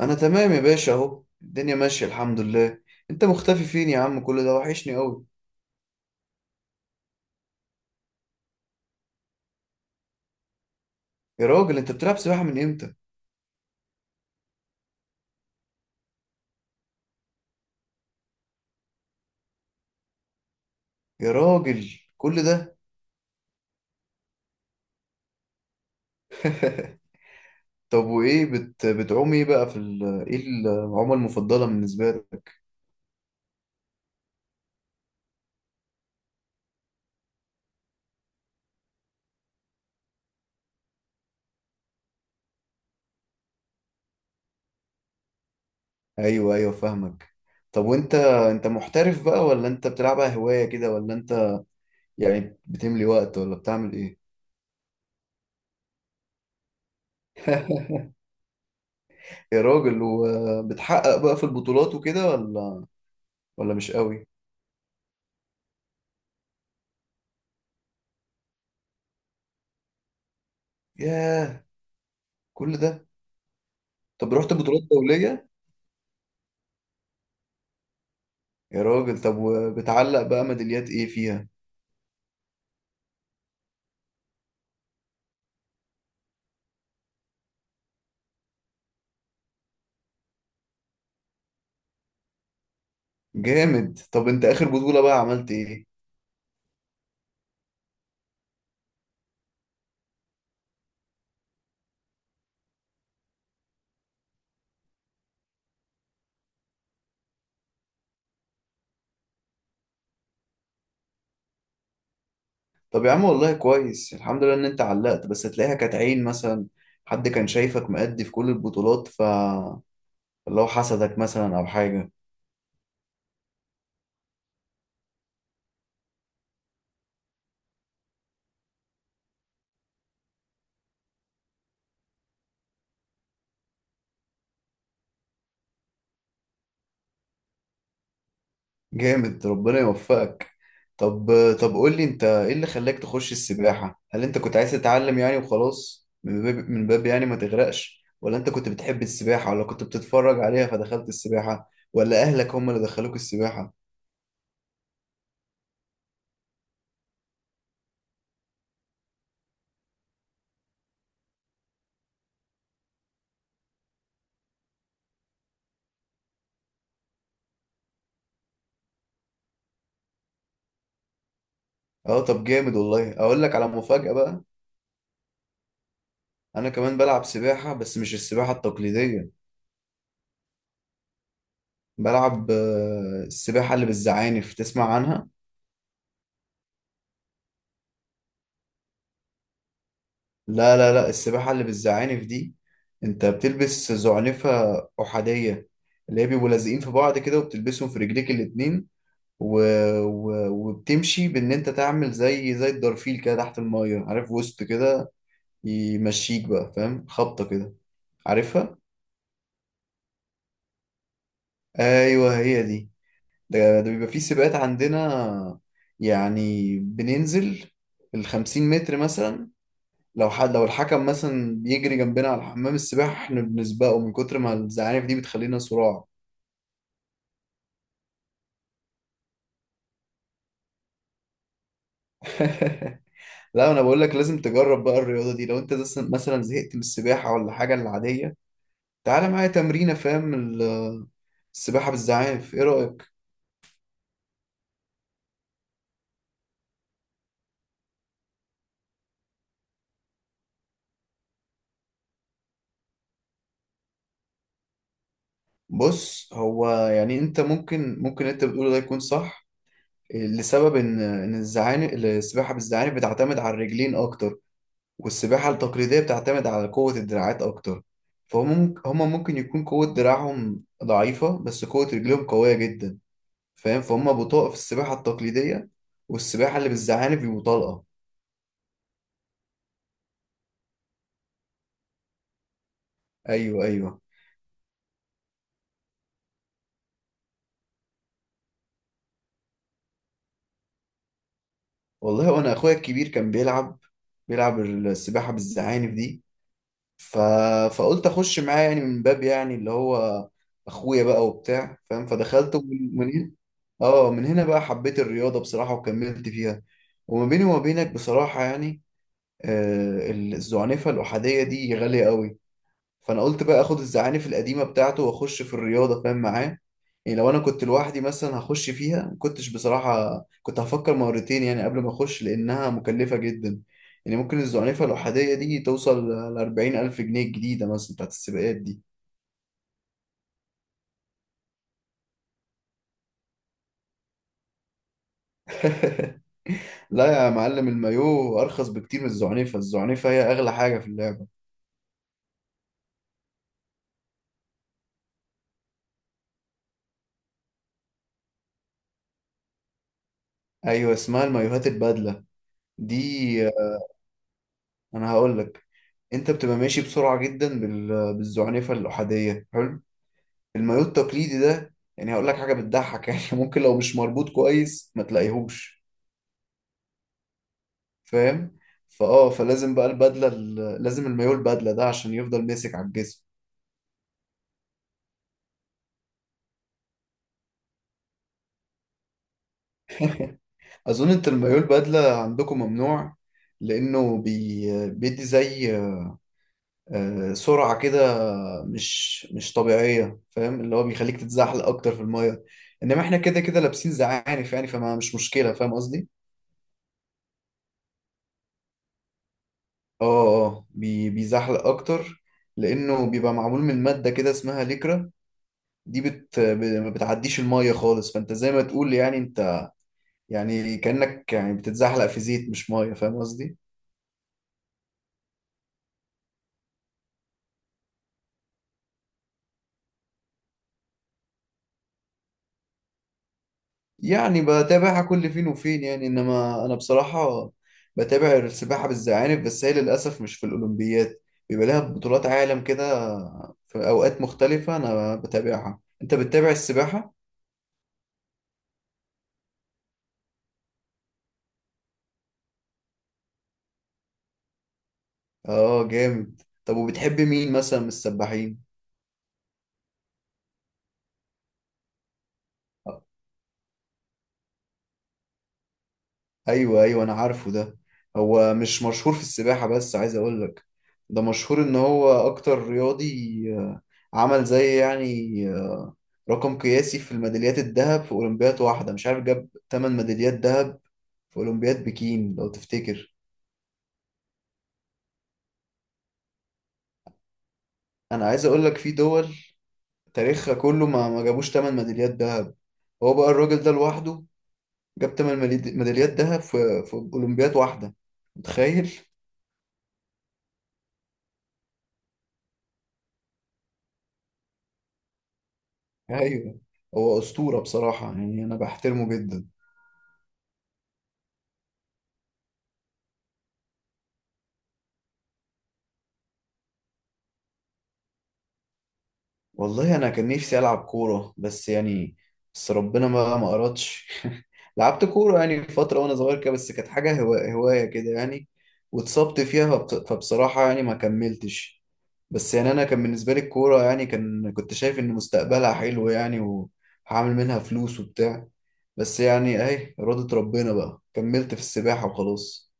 انا تمام يا باشا، اهو الدنيا ماشيه، الحمد لله. انت مختفي فين يا عم؟ كل ده وحشني قوي. يا راجل، انت بتلعب سباحه من امتى؟ يا راجل، كل ده! طب وايه بتعوم ايه بقى ايه العومه المفضله بالنسبه لك؟ ايوه، ايوه، فاهمك. طب، وانت محترف بقى ولا انت بتلعبها هوايه كده؟ ولا انت يعني بتملي وقت ولا بتعمل ايه؟ يا راجل، وبتحقق بقى في البطولات وكده ولا مش قوي؟ ياه، كل ده! طب، رحت بطولات دوليه؟ يا راجل، طب وبتعلق بقى ميداليات ايه فيها؟ جامد. طب انت اخر بطولة بقى عملت ايه؟ طب يا عم، والله كويس، الحمد لله ان انت علقت، بس تلاقيها كانت عين مثلا. حد كان شايفك مأدي في كل البطولات، اللي هو حسدك مثلا او حاجة. جامد، ربنا يوفقك. طب، قول لي، انت ايه اللي خلاك تخش السباحة؟ هل انت كنت عايز تتعلم يعني وخلاص، من باب يعني ما تغرقش؟ ولا انت كنت بتحب السباحة ولا كنت بتتفرج عليها فدخلت السباحة؟ ولا اهلك هم اللي دخلوك السباحة؟ اه. طب جامد، والله اقول لك على مفاجأة بقى. انا كمان بلعب سباحة، بس مش السباحة التقليدية. بلعب السباحة اللي بالزعانف، تسمع عنها؟ لا لا لا، السباحة اللي بالزعانف دي انت بتلبس زعنفة احادية، اللي هي بيبقوا لازقين في بعض كده وبتلبسهم في رجليك الاتنين. و... وبتمشي بان انت تعمل زي الدرفيل كده تحت المية، عارف؟ وسط كده، يمشيك بقى، فاهم؟ خبطة كده، عارفها؟ ايوه، هي دي. ده بيبقى فيه سباقات عندنا، يعني بننزل الخمسين متر مثلا. لو الحكم مثلا بيجري جنبنا على حمام السباحة، احنا بنسبقه من كتر ما الزعانف دي بتخلينا صراع. لا، انا بقول لك لازم تجرب بقى الرياضة دي. لو انت مثلا زهقت من السباحة ولا حاجة العادية، تعالى معايا تمرينة، فاهم؟ السباحة بالزعانف، ايه رأيك؟ بص، هو يعني انت ممكن انت بتقوله ده يكون صح، لسبب ان الزعانف، السباحه بالزعانف بتعتمد على الرجلين اكتر، والسباحه التقليديه بتعتمد على قوه الدراعات اكتر. فهم ممكن هم ممكن يكون قوه دراعهم ضعيفه بس قوه رجلهم قويه جدا. فاهم؟ فهم بطاقه في السباحه التقليديه، والسباحه اللي بالزعانف بيبقوا طلقه. ايوه، ايوه. والله، وانا اخويا الكبير كان بيلعب السباحه بالزعانف دي. ف... فقلت اخش معاه يعني، من باب يعني اللي هو اخويا بقى وبتاع، فاهم؟ فدخلت، من هنا. اه، من هنا بقى حبيت الرياضه بصراحه وكملت فيها. وما بيني وما بينك بصراحه يعني، آه، الزعنفه الاحاديه دي غاليه قوي، فانا قلت بقى اخد الزعانف القديمه بتاعته واخش في الرياضه، فاهم معاه؟ يعني لو انا كنت لوحدي مثلا هخش فيها، ما كنتش بصراحه، كنت هفكر مرتين يعني قبل ما اخش، لانها مكلفه جدا. يعني ممكن الزعنفه الاحاديه دي توصل ل 40,000 جنيه الجديده مثلا، بتاعت السباقات دي. لا يا معلم، المايو ارخص بكتير من الزعنفه، الزعنفه هي اغلى حاجه في اللعبه. ايوه، اسمها المايوهات البدله دي. انا هقول لك، انت بتبقى ماشي بسرعه جدا بالزعنفه الاحاديه، حلو؟ المايوه التقليدي ده يعني هقول لك حاجه بتضحك يعني ممكن لو مش مربوط كويس ما تلاقيهوش، فاهم؟ فلازم بقى البدله، لازم المايوه البدله ده عشان يفضل ماسك على الجسم. اظن انت المايوه البدله عندكم ممنوع، لانه بيدي زي سرعه كده مش طبيعيه، فاهم؟ اللي هو بيخليك تتزحلق اكتر في المايه، انما احنا كده كده لابسين زعانف يعني، فما مش مشكله، فاهم قصدي؟ اه، اه، بيزحلق اكتر، لانه بيبقى معمول من ماده كده اسمها ليكرا. دي ما بتعديش الميه خالص، فانت زي ما تقول يعني، انت يعني كانك يعني بتتزحلق في زيت، مش ميه، فاهم قصدي؟ يعني بتابعها كل فين وفين يعني، انما انا بصراحه بتابع السباحه بالزعانف، بس هي للاسف مش في الاولمبياد، بيبقى لها بطولات عالم كده في اوقات مختلفه، انا بتابعها. انت بتتابع السباحه؟ اه، جامد. طب وبتحب مين مثلا من السباحين؟ ايوه، ايوه، انا عارفه ده. هو مش مشهور في السباحة، بس عايز اقول لك، ده مشهور ان هو اكتر رياضي عمل زي يعني رقم قياسي في الميداليات الذهب في اولمبياد واحدة. مش عارف، جاب 8 ميداليات ذهب في اولمبياد بكين لو تفتكر. انا عايز اقول لك، في دول تاريخها كله ما جابوش 8 ميداليات ذهب، هو بقى الراجل ده لوحده جاب 8 ميداليات ذهب في اولمبياد واحدة، متخيل؟ ايوه، هو اسطوره بصراحه، يعني انا بحترمه جدا. والله، انا كان نفسي العب كوره، بس يعني بس ربنا ما اردش. لعبت كوره يعني فتره وانا صغير كده، بس كانت حاجه هوايه كده يعني، واتصبت فيها، فبصراحه يعني ما كملتش. بس يعني، انا كان بالنسبه لي الكوره يعني كان، كنت شايف ان مستقبلها حلو يعني، وهعمل منها فلوس وبتاع، بس يعني اهي إرادة ربنا بقى، كملت في السباحة وخلاص.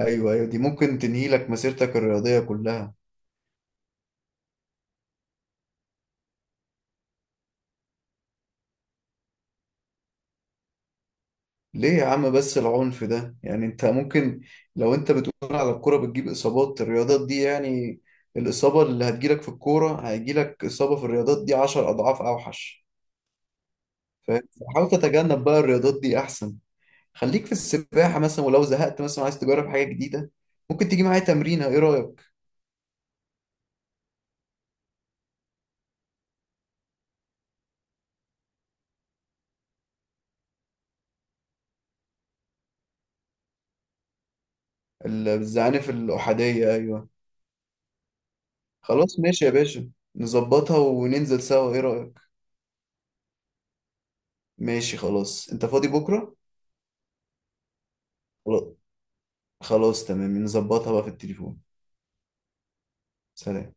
ايوه، ايوه، دي ممكن تنهي لك مسيرتك الرياضية كلها. ليه يا عم بس العنف ده يعني؟ انت ممكن، لو انت بتقول على الكرة بتجيب اصابات، الرياضات دي يعني الاصابة اللي هتجيلك في الكورة هيجيلك اصابة في الرياضات دي عشر اضعاف اوحش. فاهم؟ فحاول تتجنب بقى الرياضات دي، احسن خليك في السباحة مثلا. ولو زهقت مثلا عايز تجرب حاجة جديدة، ممكن تيجي معايا تمرينة، ايه رأيك؟ الزعانف الأحادية، ايوه، خلاص، ماشي يا باشا. نظبطها وننزل سوا، ايه رأيك؟ ماشي، خلاص. انت فاضي بكرة؟ خلاص، خلاص، تمام. نظبطها بقى في التليفون. سلام.